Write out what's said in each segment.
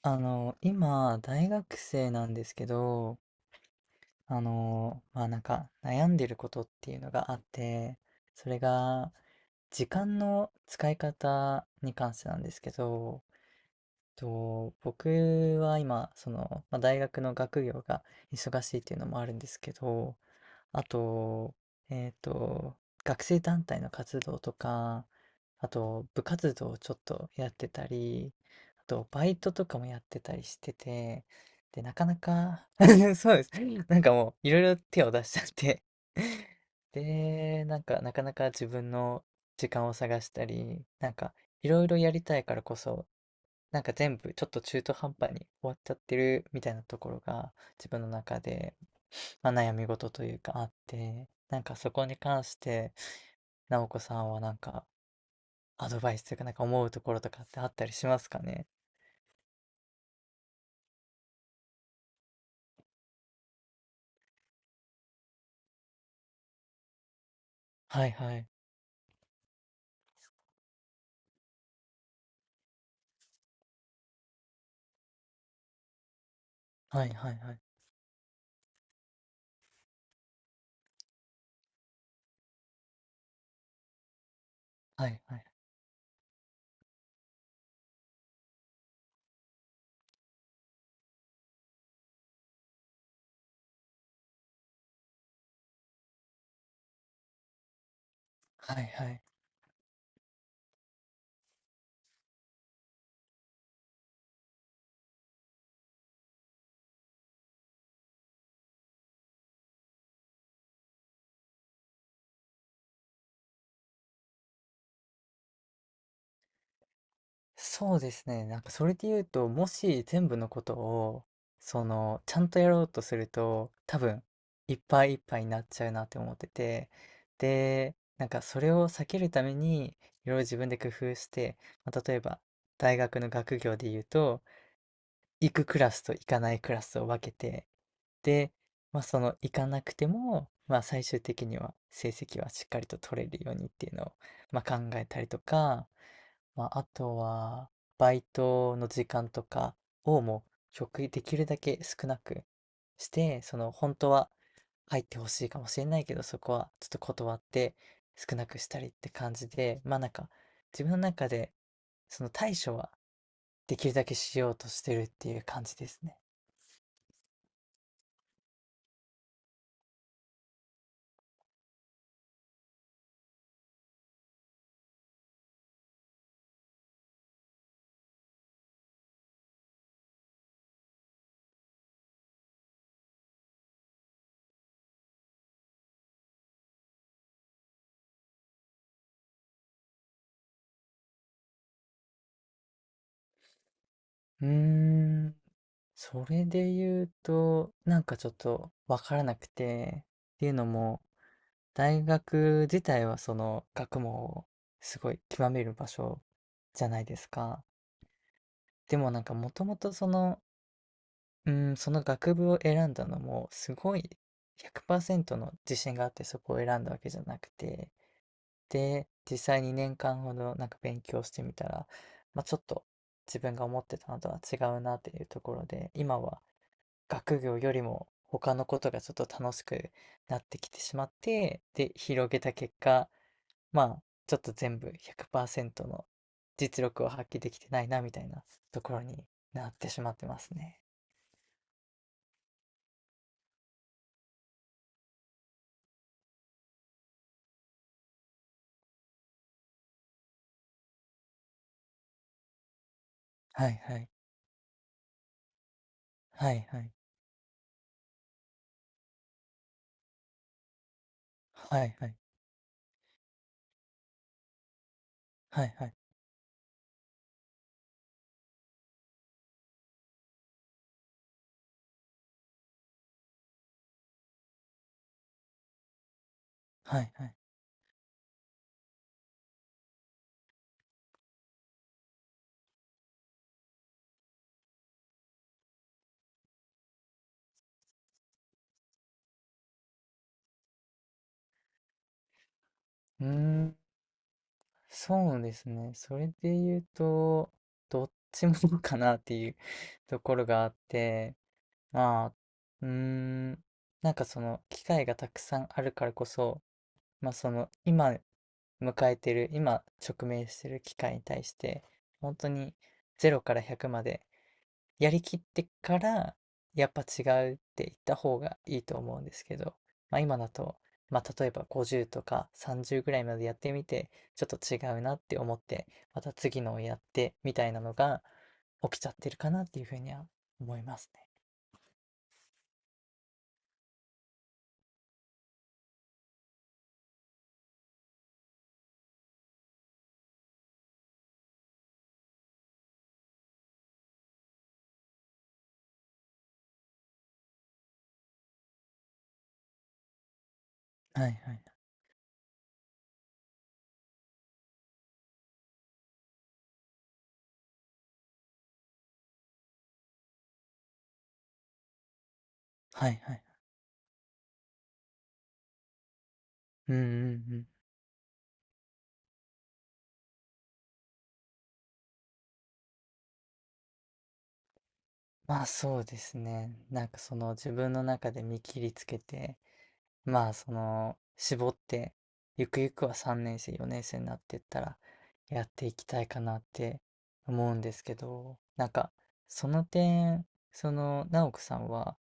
今、大学生なんですけど、まあなんか悩んでることっていうのがあって、それが時間の使い方に関してなんですけど、と僕は今、その、まあ、大学の学業が忙しいっていうのもあるんですけど、あと、えっと、学生団体の活動とか、あと、部活動をちょっとやってたり、あと、バイトとかもやってたりしてて、で、なかなか そうです。なんかもう、いろいろ手を出しちゃって、で、なんか、なかなか自分の時間を探したり、なんか、いろいろやりたいからこそ、なんか全部ちょっと中途半端に終わっちゃってるみたいなところが自分の中で、まあ、悩み事というかあって、なんかそこに関して直子さんはなんかアドバイスというかなんか思うところとかってあったりしますかね。はいはい。はいはいはい。はいはい。はいはい。そうですね。なんかそれで言うと、もし全部のことを、その、ちゃんとやろうとすると、多分、いっぱいいっぱいになっちゃうなって思ってて、で、なんかそれを避けるために、いろいろ自分で工夫して、まあ、例えば、大学の学業で言うと、行くクラスと行かないクラスを分けて、で、まあその行かなくても、まあ最終的には成績はしっかりと取れるようにっていうのを、まあ考えたりとか、まあ、あとは、バイトの時間とかをもう極力できるだけ少なくして、その本当は入ってほしいかもしれないけど、そこはちょっと断って少なくしたりって感じで、まあなんか自分の中でその対処はできるだけしようとしてるっていう感じですね。うーん、それで言うと、なんかちょっとわからなくて、っていうのも、大学自体はその学問をすごい極める場所じゃないですか。でもなんかもともとその、うん、その学部を選んだのもすごい100%の自信があってそこを選んだわけじゃなくて、で、実際に年間ほどなんか勉強してみたら、まあ、ちょっと自分が思ってたのとは違うなっていうところで、今は学業よりも他のことがちょっと楽しくなってきてしまって、で、広げた結果、まあ、ちょっと全部100%の実力を発揮できてないなみたいなところになってしまってますね。はいはい。はいはい。はいはい。はいはい。はいはい。うーん、そうですね。それで言うと、どっちも かなっていうところがあって、まあ、うーん、なんかその機会がたくさんあるからこそ、まあその今迎えてる、今直面してる機会に対して、本当に0から100までやりきってから、やっぱ違うって言った方がいいと思うんですけど、まあ今だと、まあ例えば50とか30ぐらいまでやってみて、ちょっと違うなって思って、また次のをやってみたいなのが起きちゃってるかなっていうふうには思いますね。はいはい。はいはい。うんうんうん。まあそうですね。なんかその自分の中で見切りつけて、まあ、その、絞って、ゆくゆくは3年生、4年生になっていったら、やっていきたいかなって思うんですけど、なんか、その点、その、直子さんは、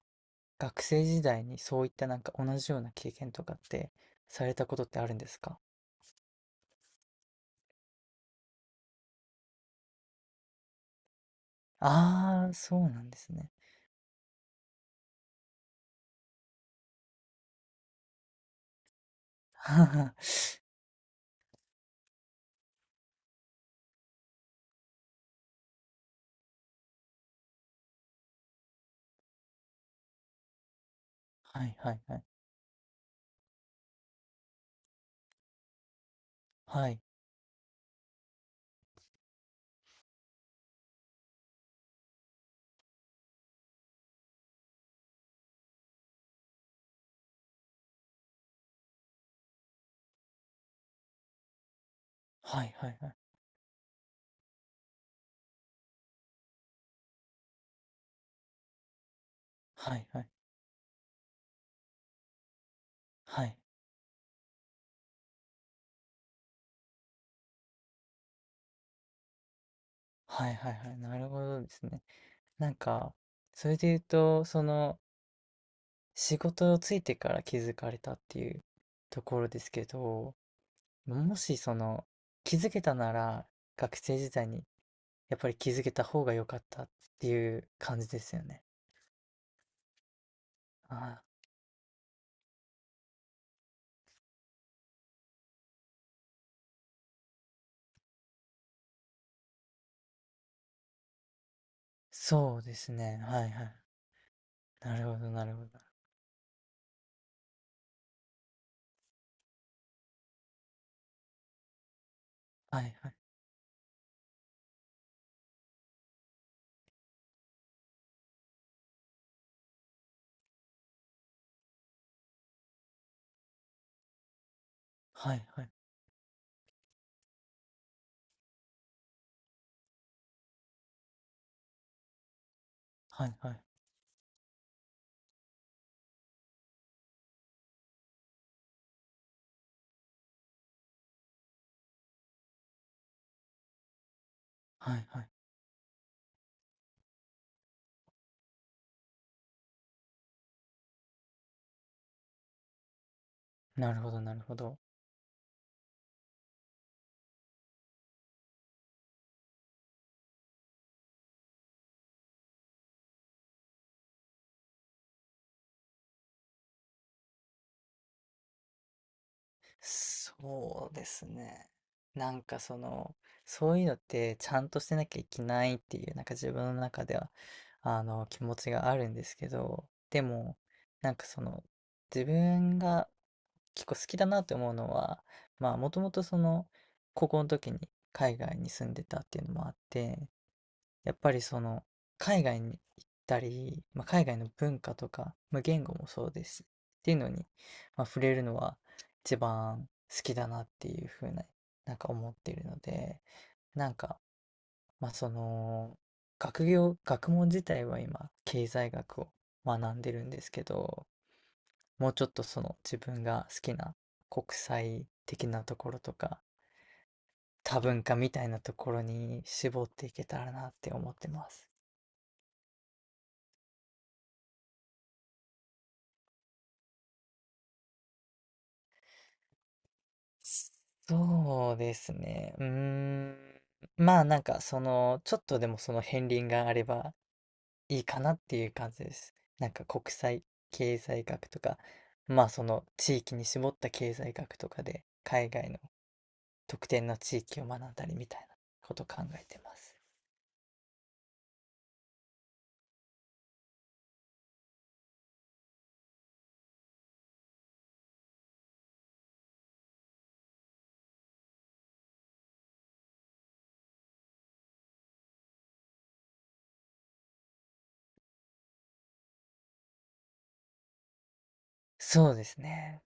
学生時代にそういったなんか同じような経験とかって、されたことってあるんですか？ああー、そうなんですね。はいはいはい。はいはいはいはい。はいはいはい。はいはいはい。なるほどですね。なんか、それで言うと、その、仕事をついてから気づかれたっていうところですけど、もしその気づけたなら学生時代にやっぱり気づけた方が良かったっていう感じですよね。ああ、そうですね。はいはい。なるほどなるほど。はいはい。はいはい。はいはい。はいはい。なるほどなるほど。そうですね。なんかその、そういうのってちゃんとしてなきゃいけないっていう、なんか自分の中では、あの、気持ちがあるんですけど、でも、なんかその、自分が結構好きだなって思うのは、まあ、もともとその、高校の時に海外に住んでたっていうのもあって、やっぱりその海外に行ったり、まあ、海外の文化とか、まあ、言語もそうですしっていうのに、まあ、触れるのは一番好きだなっていうふうな、なんか思っているので、なんか、まあ、その学業、学問自体は今経済学を学んでるんですけど、もうちょっとその自分が好きな国際的なところとか多文化みたいなところに絞っていけたらなって思ってます。そうですね。うーん。まあなんかその、ちょっとでもその片鱗があればいいかなっていう感じです。なんか国際経済学とか、まあその地域に絞った経済学とかで海外の特定の地域を学んだりみたいなこと考えてます。そうですね。